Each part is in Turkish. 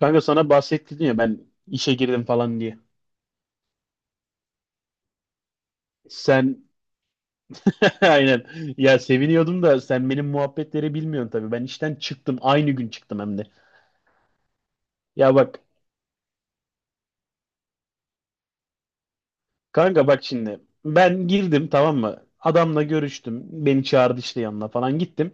Kanka sana bahsettin ya ben işe girdim falan diye. Sen aynen. Ya, seviniyordum da sen benim muhabbetleri bilmiyorsun tabii. Ben işten çıktım, aynı gün çıktım hem de. Ya bak kanka, bak şimdi ben girdim, tamam mı? Adamla görüştüm. Beni çağırdı, işte yanına falan gittim.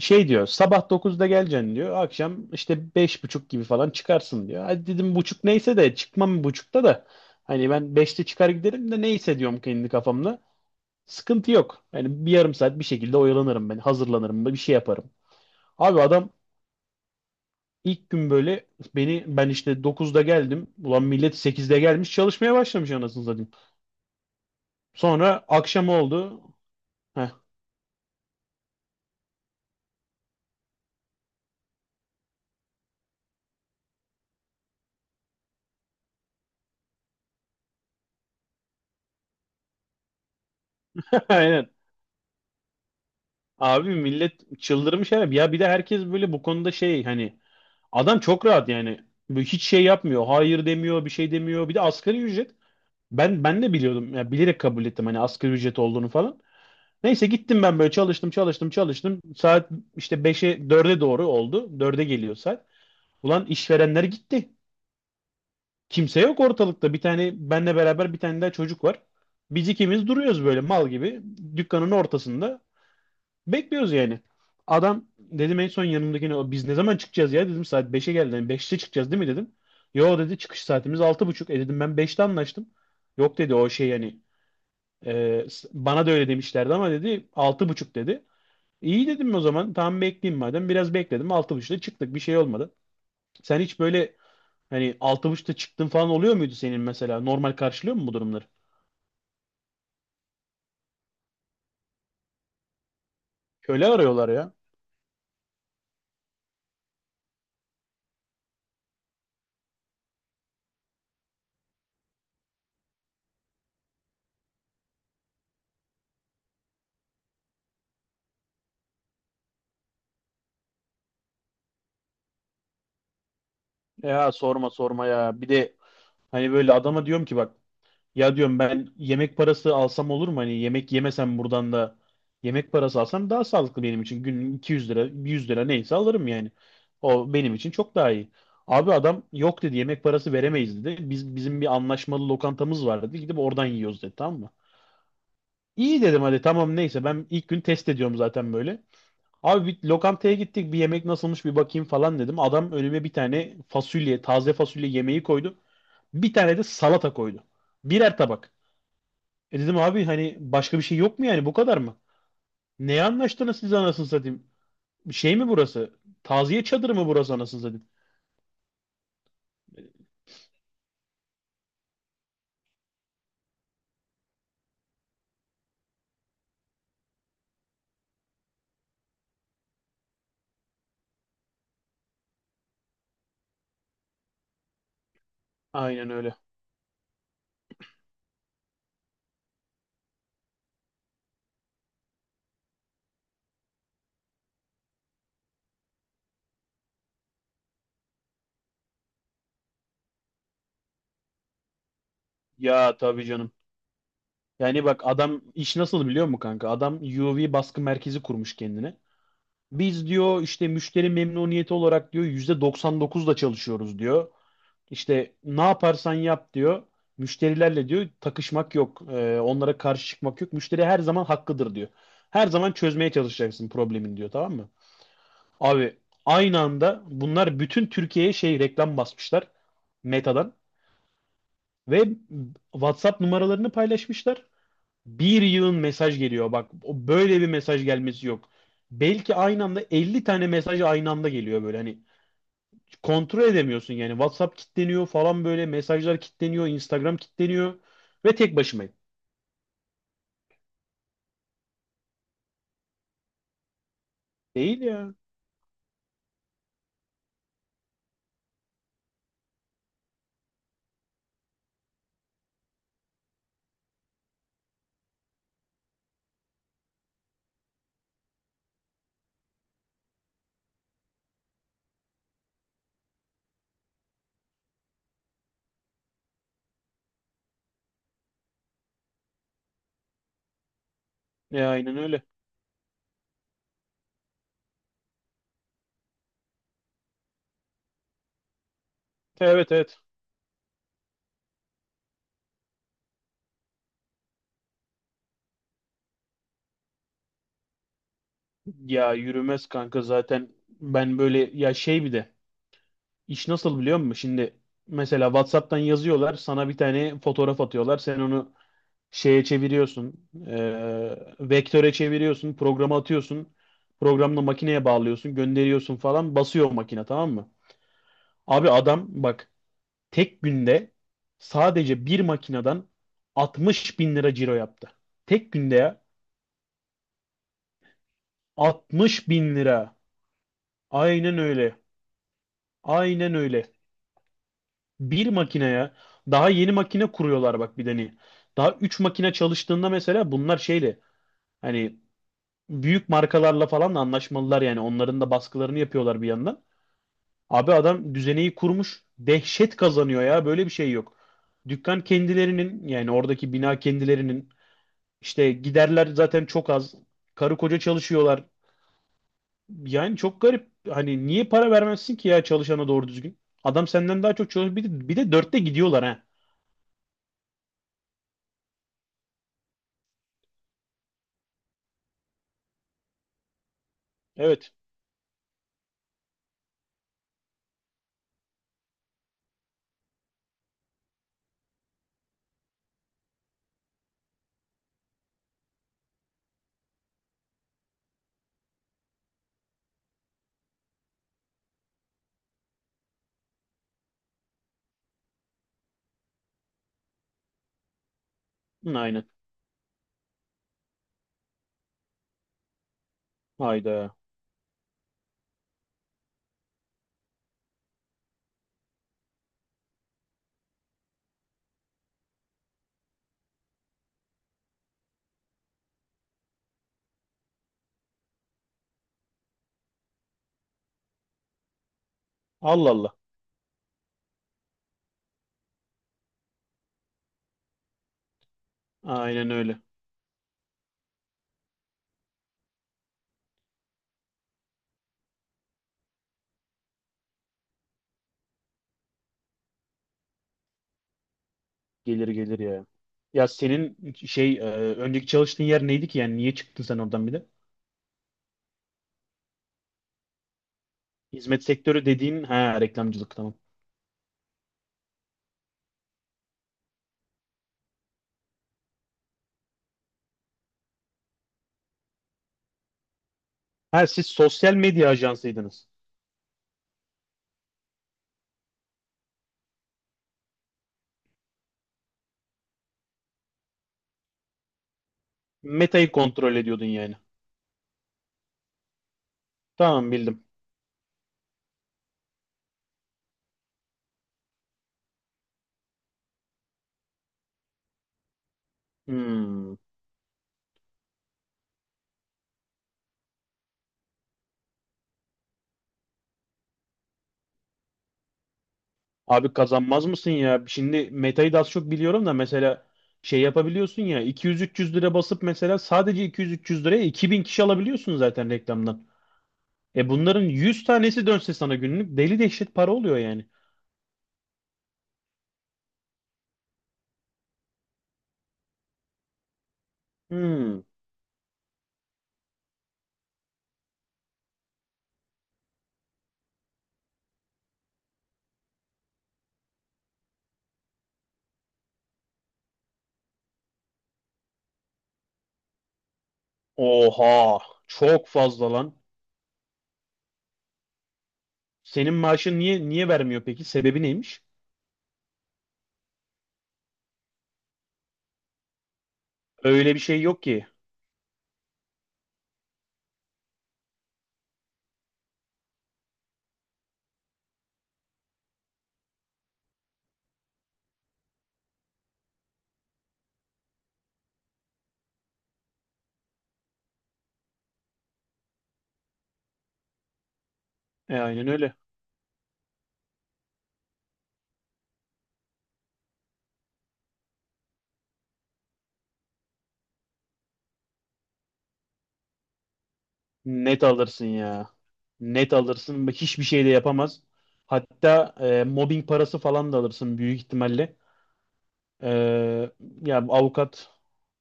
Şey diyor, sabah 9'da geleceksin diyor. Akşam işte 5.30 gibi falan çıkarsın diyor. Hadi dedim, buçuk neyse de çıkmam buçukta da. Hani ben 5'te çıkar giderim de neyse, diyorum kendi kafamda. Sıkıntı yok. Yani bir yarım saat bir şekilde oyalanırım ben. Hazırlanırım, bir şey yaparım. Abi adam ilk gün böyle, beni ben işte 9'da geldim. Ulan millet 8'de gelmiş çalışmaya başlamış anasını satayım. Sonra akşam oldu. Heh, aynen. Abi millet çıldırmış herhalde. Ya bir de herkes böyle bu konuda şey hani adam çok rahat yani. Böyle hiç şey yapmıyor. Hayır demiyor, bir şey demiyor. Bir de asgari ücret. Ben de biliyordum. Ya bilerek kabul ettim, hani asgari ücret olduğunu falan. Neyse gittim, ben böyle çalıştım, çalıştım, çalıştım. Saat işte beşe dörde doğru oldu. Dörde geliyor saat. Ulan işverenler gitti. Kimse yok ortalıkta. Bir tane benle beraber bir tane daha çocuk var. Biz ikimiz duruyoruz böyle mal gibi. Dükkanın ortasında. Bekliyoruz yani. Adam dedim en son yanımdakine, "O biz ne zaman çıkacağız ya dedim, saat 5'e geldi. Yani 5'te çıkacağız değil mi dedim. Yo dedi, çıkış saatimiz 6.30. E dedim ben 5'te anlaştım. Yok dedi, o şey yani bana da öyle demişlerdi ama dedi, 6.30 dedi. İyi dedim o zaman. Tamam bekleyeyim madem. Biraz bekledim. 6.30'da çıktık. Bir şey olmadı. Sen hiç böyle hani 6.30'da çıktın falan oluyor muydu senin mesela? Normal karşılıyor mu bu durumları? Köle arıyorlar ya. Ya sorma sorma ya. Bir de hani böyle adama diyorum ki bak, ya diyorum, ben yemek parası alsam olur mu? Hani yemek yemesem buradan da yemek parası alsam daha sağlıklı benim için. Günlük 200 lira, 100 lira neyse alırım yani. O benim için çok daha iyi. Abi adam yok dedi yemek parası veremeyiz dedi. Biz bizim bir anlaşmalı lokantamız var dedi. Gidip oradan yiyoruz dedi, tamam mı? İyi dedim, hadi tamam neyse, ben ilk gün test ediyorum zaten böyle. Abi bir lokantaya gittik, bir yemek nasılmış bir bakayım falan dedim. Adam önüme bir tane fasulye, taze fasulye yemeği koydu. Bir tane de salata koydu. Birer tabak. E dedim abi, hani başka bir şey yok mu yani, bu kadar mı? Neye anlaştınız siz anasını satayım? Şey mi burası? Taziye çadırı mı burası anasını satayım? Aynen öyle. Ya tabii canım. Yani bak adam iş nasıl biliyor musun kanka? Adam UV baskı merkezi kurmuş kendine. Biz diyor işte müşteri memnuniyeti olarak diyor %99'da çalışıyoruz diyor. İşte ne yaparsan yap diyor. Müşterilerle diyor takışmak yok. Onlara karşı çıkmak yok. Müşteri her zaman hakkıdır diyor. Her zaman çözmeye çalışacaksın problemin diyor, tamam mı? Abi aynı anda bunlar bütün Türkiye'ye şey reklam basmışlar, Meta'dan, ve WhatsApp numaralarını paylaşmışlar. Bir yığın mesaj geliyor. Bak o böyle bir mesaj gelmesi yok. Belki aynı anda 50 tane mesaj aynı anda geliyor böyle. Hani kontrol edemiyorsun yani. WhatsApp kilitleniyor falan böyle. Mesajlar kilitleniyor. Instagram kilitleniyor. Ve tek başımayım. Değil ya. Ya aynen öyle. Evet, evet. Ya yürümez kanka zaten. Ben böyle ya şey bir de. İş nasıl biliyor musun? Şimdi mesela WhatsApp'tan yazıyorlar. Sana bir tane fotoğraf atıyorlar. Sen onu şeye çeviriyorsun, e, vektöre çeviriyorsun, programa atıyorsun, programla makineye bağlıyorsun, gönderiyorsun falan, basıyor makine, tamam mı? Abi adam bak tek günde sadece bir makineden 60 bin lira ciro yaptı. Tek günde ya 60 bin lira. Aynen öyle. Aynen öyle. Bir makineye daha yeni makine kuruyorlar bak bir de hani. Daha 3 makine çalıştığında mesela bunlar şeyle hani büyük markalarla falan da anlaşmalılar yani. Onların da baskılarını yapıyorlar bir yandan. Abi adam düzeneyi kurmuş. Dehşet kazanıyor ya. Böyle bir şey yok. Dükkan kendilerinin yani, oradaki bina kendilerinin, işte giderler zaten çok az. Karı koca çalışıyorlar. Yani çok garip. Hani niye para vermezsin ki ya çalışana doğru düzgün? Adam senden daha çok çalışıyor. Bir de dörtte gidiyorlar ha. Evet. Hı, aynen. Hayda. Allah Allah. Aynen öyle. Gelir gelir ya. Ya senin şey e, önceki çalıştığın yer neydi ki yani niye çıktın sen oradan bir de? Hizmet sektörü dediğin ha, reklamcılık, tamam. Ha siz sosyal medya ajansıydınız. Meta'yı kontrol ediyordun yani. Tamam bildim. Hmm. Abi kazanmaz mısın ya? Şimdi Meta'yı da az çok biliyorum da mesela şey yapabiliyorsun ya 200-300 lira basıp mesela sadece 200-300 liraya 2000 kişi alabiliyorsun zaten reklamdan. E bunların 100 tanesi dönse sana günlük deli dehşet para oluyor yani. Hmm. Oha, çok fazla lan. Senin maaşın niye vermiyor peki? Sebebi neymiş? Öyle bir şey yok ki. E, aynen öyle. Net alırsın ya. Net alırsın. Bak, hiçbir şey de yapamaz. Hatta mobbing parası falan da alırsın büyük ihtimalle. E, Ya avukat.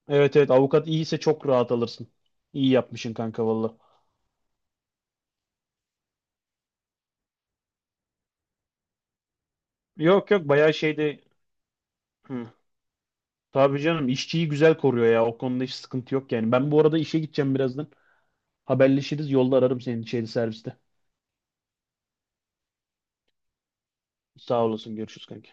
Evet, evet, avukat iyiyse çok rahat alırsın. İyi yapmışsın kanka valla. Yok yok bayağı şeyde. Hı. Tabii canım işçiyi güzel koruyor ya. O konuda hiç sıkıntı yok yani. Ben bu arada işe gideceğim birazdan. Haberleşiriz. Yolda ararım seni şeyde serviste. Sağ olasın. Görüşürüz kanka.